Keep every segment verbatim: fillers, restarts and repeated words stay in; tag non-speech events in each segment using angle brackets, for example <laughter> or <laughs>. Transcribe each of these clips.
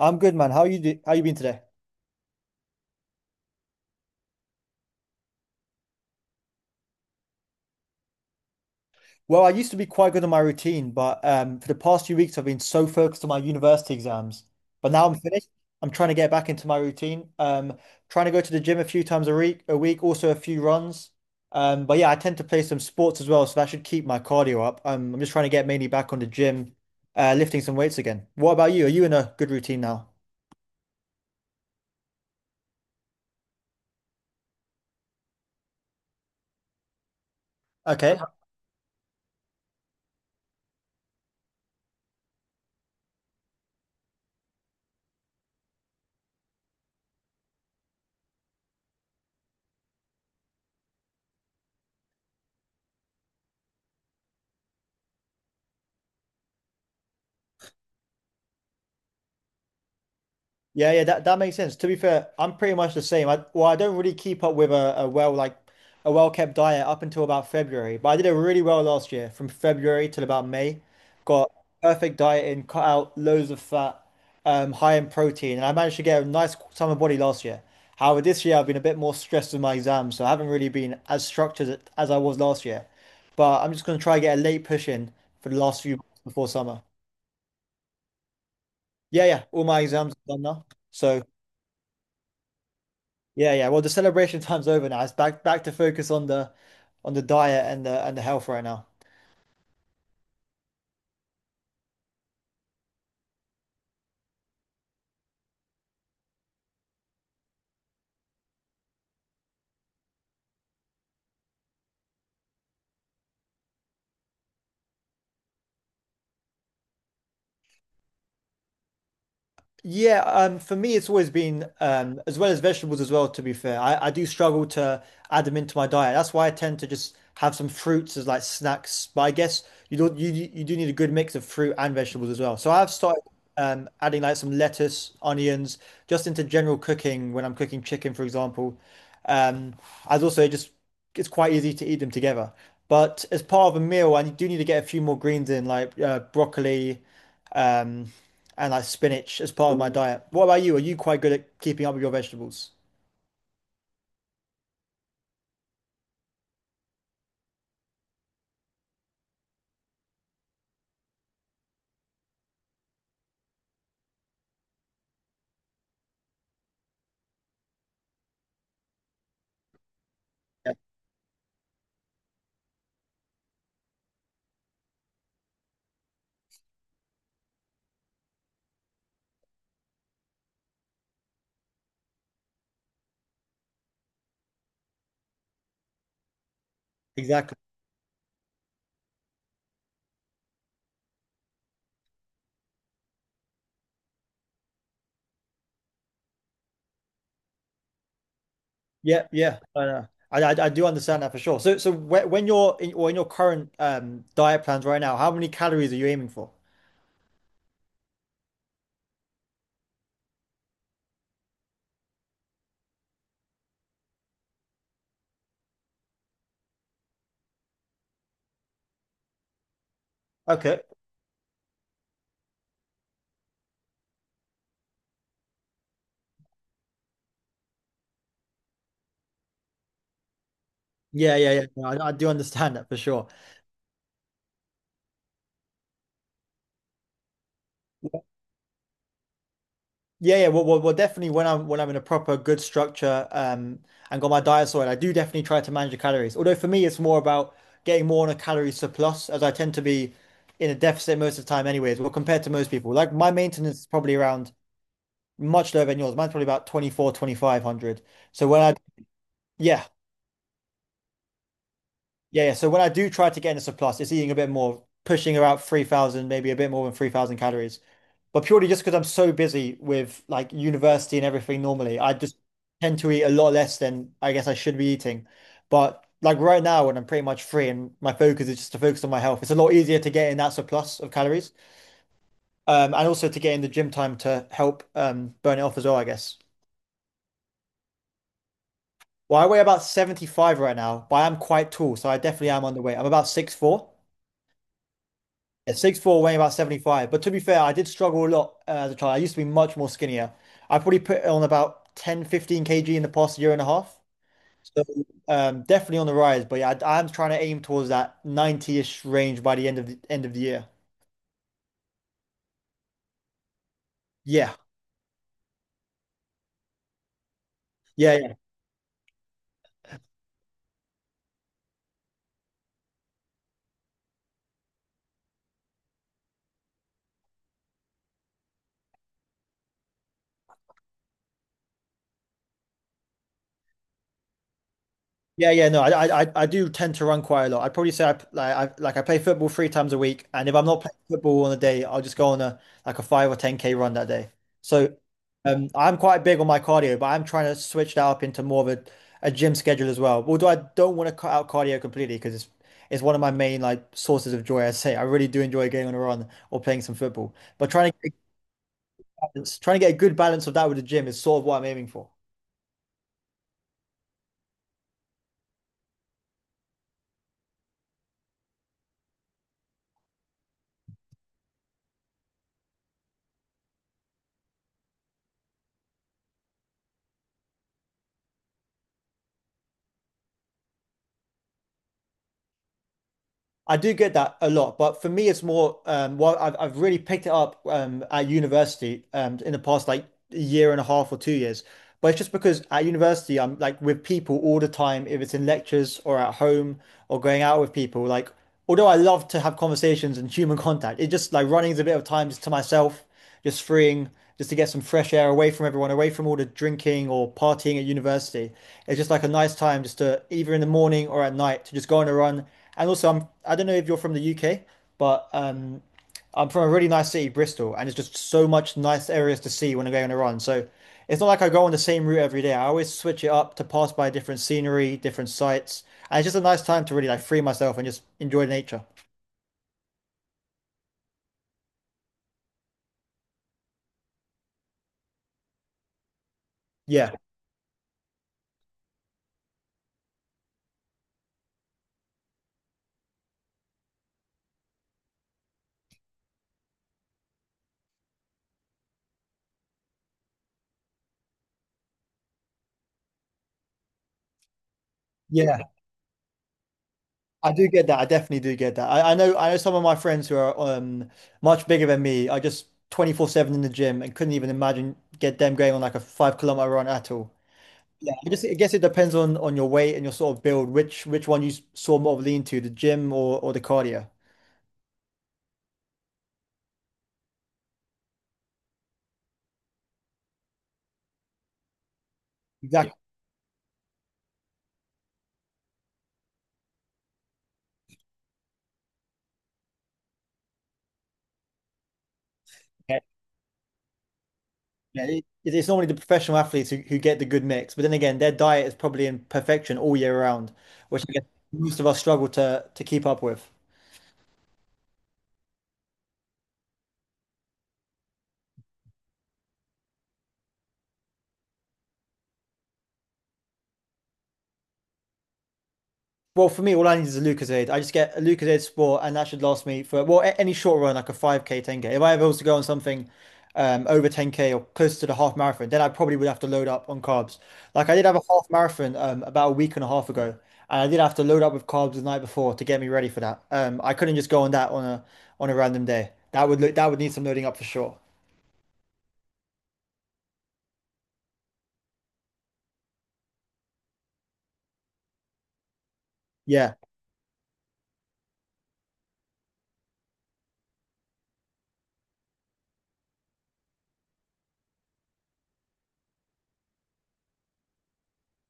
I'm good, man. How you do, how you been today? Well, I used to be quite good on my routine, but um, for the past few weeks, I've been so focused on my university exams. But now I'm finished. I'm trying to get back into my routine. Um, trying to go to the gym a few times a week, a week, also a few runs. Um, but yeah, I tend to play some sports as well, so that should keep my cardio up. Um, I'm just trying to get mainly back on the gym, uh, lifting some weights again. What about you? Are you in a good routine now? Okay. Yeah, yeah, that, that makes sense. To be fair, I'm pretty much the same. I well, I don't really keep up with a, a well like a well kept diet up until about February, but I did it really well last year from February till about May. Got perfect diet in, cut out loads of fat, um, high in protein, and I managed to get a nice summer body last year. However, this year I've been a bit more stressed with my exams, so I haven't really been as structured as I was last year. But I'm just gonna try and get a late push in for the last few months before summer. Yeah, yeah, all my exams are done now, so. Yeah, yeah. Well, the celebration time's over now. It's back back to focus on the on the diet and the and the health right now. Yeah, um, for me, it's always been um, as well as vegetables as well, to be fair. I, I do struggle to add them into my diet. That's why I tend to just have some fruits as like snacks. But I guess you don't you you do need a good mix of fruit and vegetables as well. So I've started um, adding like some lettuce, onions, just into general cooking when I'm cooking chicken, for example. Um, as also just it's quite easy to eat them together. But as part of a meal, I do need to get a few more greens in, like uh, broccoli um, and like spinach as part of my diet. What about you? Are you quite good at keeping up with your vegetables? Yeah, exactly. Yeah, yeah, I know. I, I, I do understand that for sure. So so when, when you're in, or in your current um, diet plans right now, how many calories are you aiming for? Okay. Yeah, yeah, yeah. No, I, I do understand that for sure. Yeah, yeah. Well, well, well, definitely when I'm when I'm in a proper good structure um and got my diet sorted, I do definitely try to manage the calories. Although for me, it's more about getting more on a calorie surplus, as I tend to be in a deficit most of the time, anyways. Well, compared to most people, like my maintenance is probably around much lower than yours. Mine's probably about twenty four, twenty five hundred. So when I yeah, yeah, yeah. So when I do try to get in a surplus, it's eating a bit more, pushing about three thousand, maybe a bit more than three thousand calories. But purely just because I'm so busy with like university and everything normally, I just tend to eat a lot less than I guess I should be eating. But like right now, when I'm pretty much free and my focus is just to focus on my health, it's a lot easier to get in that surplus of calories, um, and also to get in the gym time to help um, burn it off as well, I guess. Well, I weigh about seventy five right now, but I am quite tall, so I definitely am underweight. I'm about six four. Yeah, six four, weighing about seventy five. But to be fair, I did struggle a lot uh, as a child. I used to be much more skinnier. I probably put on about ten, fifteen 15 kg in the past year and a half. So um, definitely on the rise. But yeah, I, I'm trying to aim towards that ninety-ish range by the end of the end of the year. Yeah. Yeah. Yeah, yeah, no, I, I, I I do tend to run quite a lot. I'd probably say I p- like I like I play football three times a week, and if I'm not playing football on a day, I'll just go on a like a five or ten K run that day. So, um, I'm quite big on my cardio, but I'm trying to switch that up into more of a, a gym schedule as well. Although I don't want to cut out cardio completely because it's it's one of my main like sources of joy. I say I really do enjoy going on a run or playing some football, but trying to get a balance, trying to get a good balance of that with the gym is sort of what I'm aiming for. I do get that a lot, but for me, it's more um, well, I've I've really picked it up um, at university um, in the past like a year and a half or two years. But it's just because at university, I'm like with people all the time, if it's in lectures or at home or going out with people. Like, although I love to have conversations and human contact, it just like running is a bit of time just to myself just freeing, just to get some fresh air away from everyone, away from all the drinking or partying at university. It's just like a nice time just to either in the morning or at night to just go on a run. And also, I'm, I don't know if you're from the U K, but um, I'm from a really nice city, Bristol, and it's just so much nice areas to see when I go on a run. So it's not like I go on the same route every day. I always switch it up to pass by different scenery, different sights. And it's just a nice time to really like free myself and just enjoy nature. Yeah. Yeah. I do get that. I definitely do get that. I, I know I know some of my friends who are um much bigger than me are just twenty four seven in the gym and couldn't even imagine get them going on like a five kilometer run at all. Yeah, I guess I guess it depends on on your weight and your sort of build, which which one you s- sort of lean to, the gym or or the cardio. Yeah. Exactly. Yeah, yeah, it, it's normally the professional athletes who, who get the good mix, but then again, their diet is probably in perfection all year round, which I guess most of us struggle to to keep up with. Well, for me, all I need is a Lucozade. I just get a Lucozade Sport, and that should last me for well a- any short run, like a five K, ten K. If I ever was to go on something um, over ten K or close to the half marathon, then I probably would have to load up on carbs. Like I did have a half marathon um, about a week and a half ago, and I did have to load up with carbs the night before to get me ready for that. Um, I couldn't just go on that on a on a random day. That would look that would need some loading up for sure. Yeah,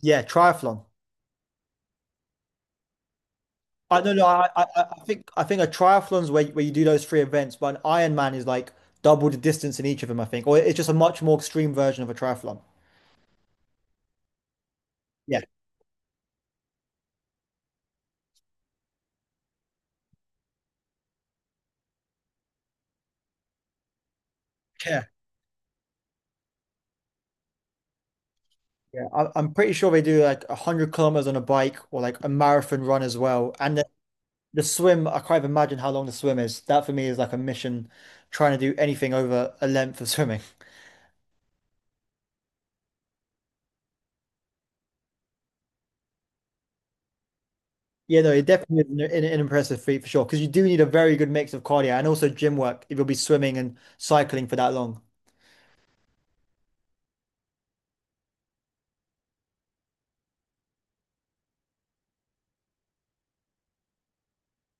yeah, triathlon. I don't know. I, I I I think I think a triathlon's where where you do those three events, but an Ironman is like double the distance in each of them, I think, or it's just a much more extreme version of a triathlon. Yeah, yeah, yeah. I, I'm pretty sure they do like a hundred kilometers on a bike or like a marathon run as well. And the, the swim, I can't even imagine how long the swim is. That for me is like a mission, trying to do anything over a length of <laughs> swimming. Yeah, no, it definitely is an, an, an impressive feat for sure, because you do need a very good mix of cardio and also gym work if you'll be swimming and cycling for that long.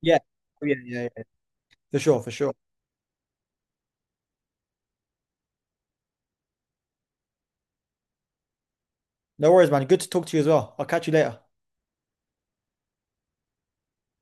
Yeah, yeah, yeah. yeah. For sure, for sure. No worries, man. Good to talk to you as well. I'll catch you later.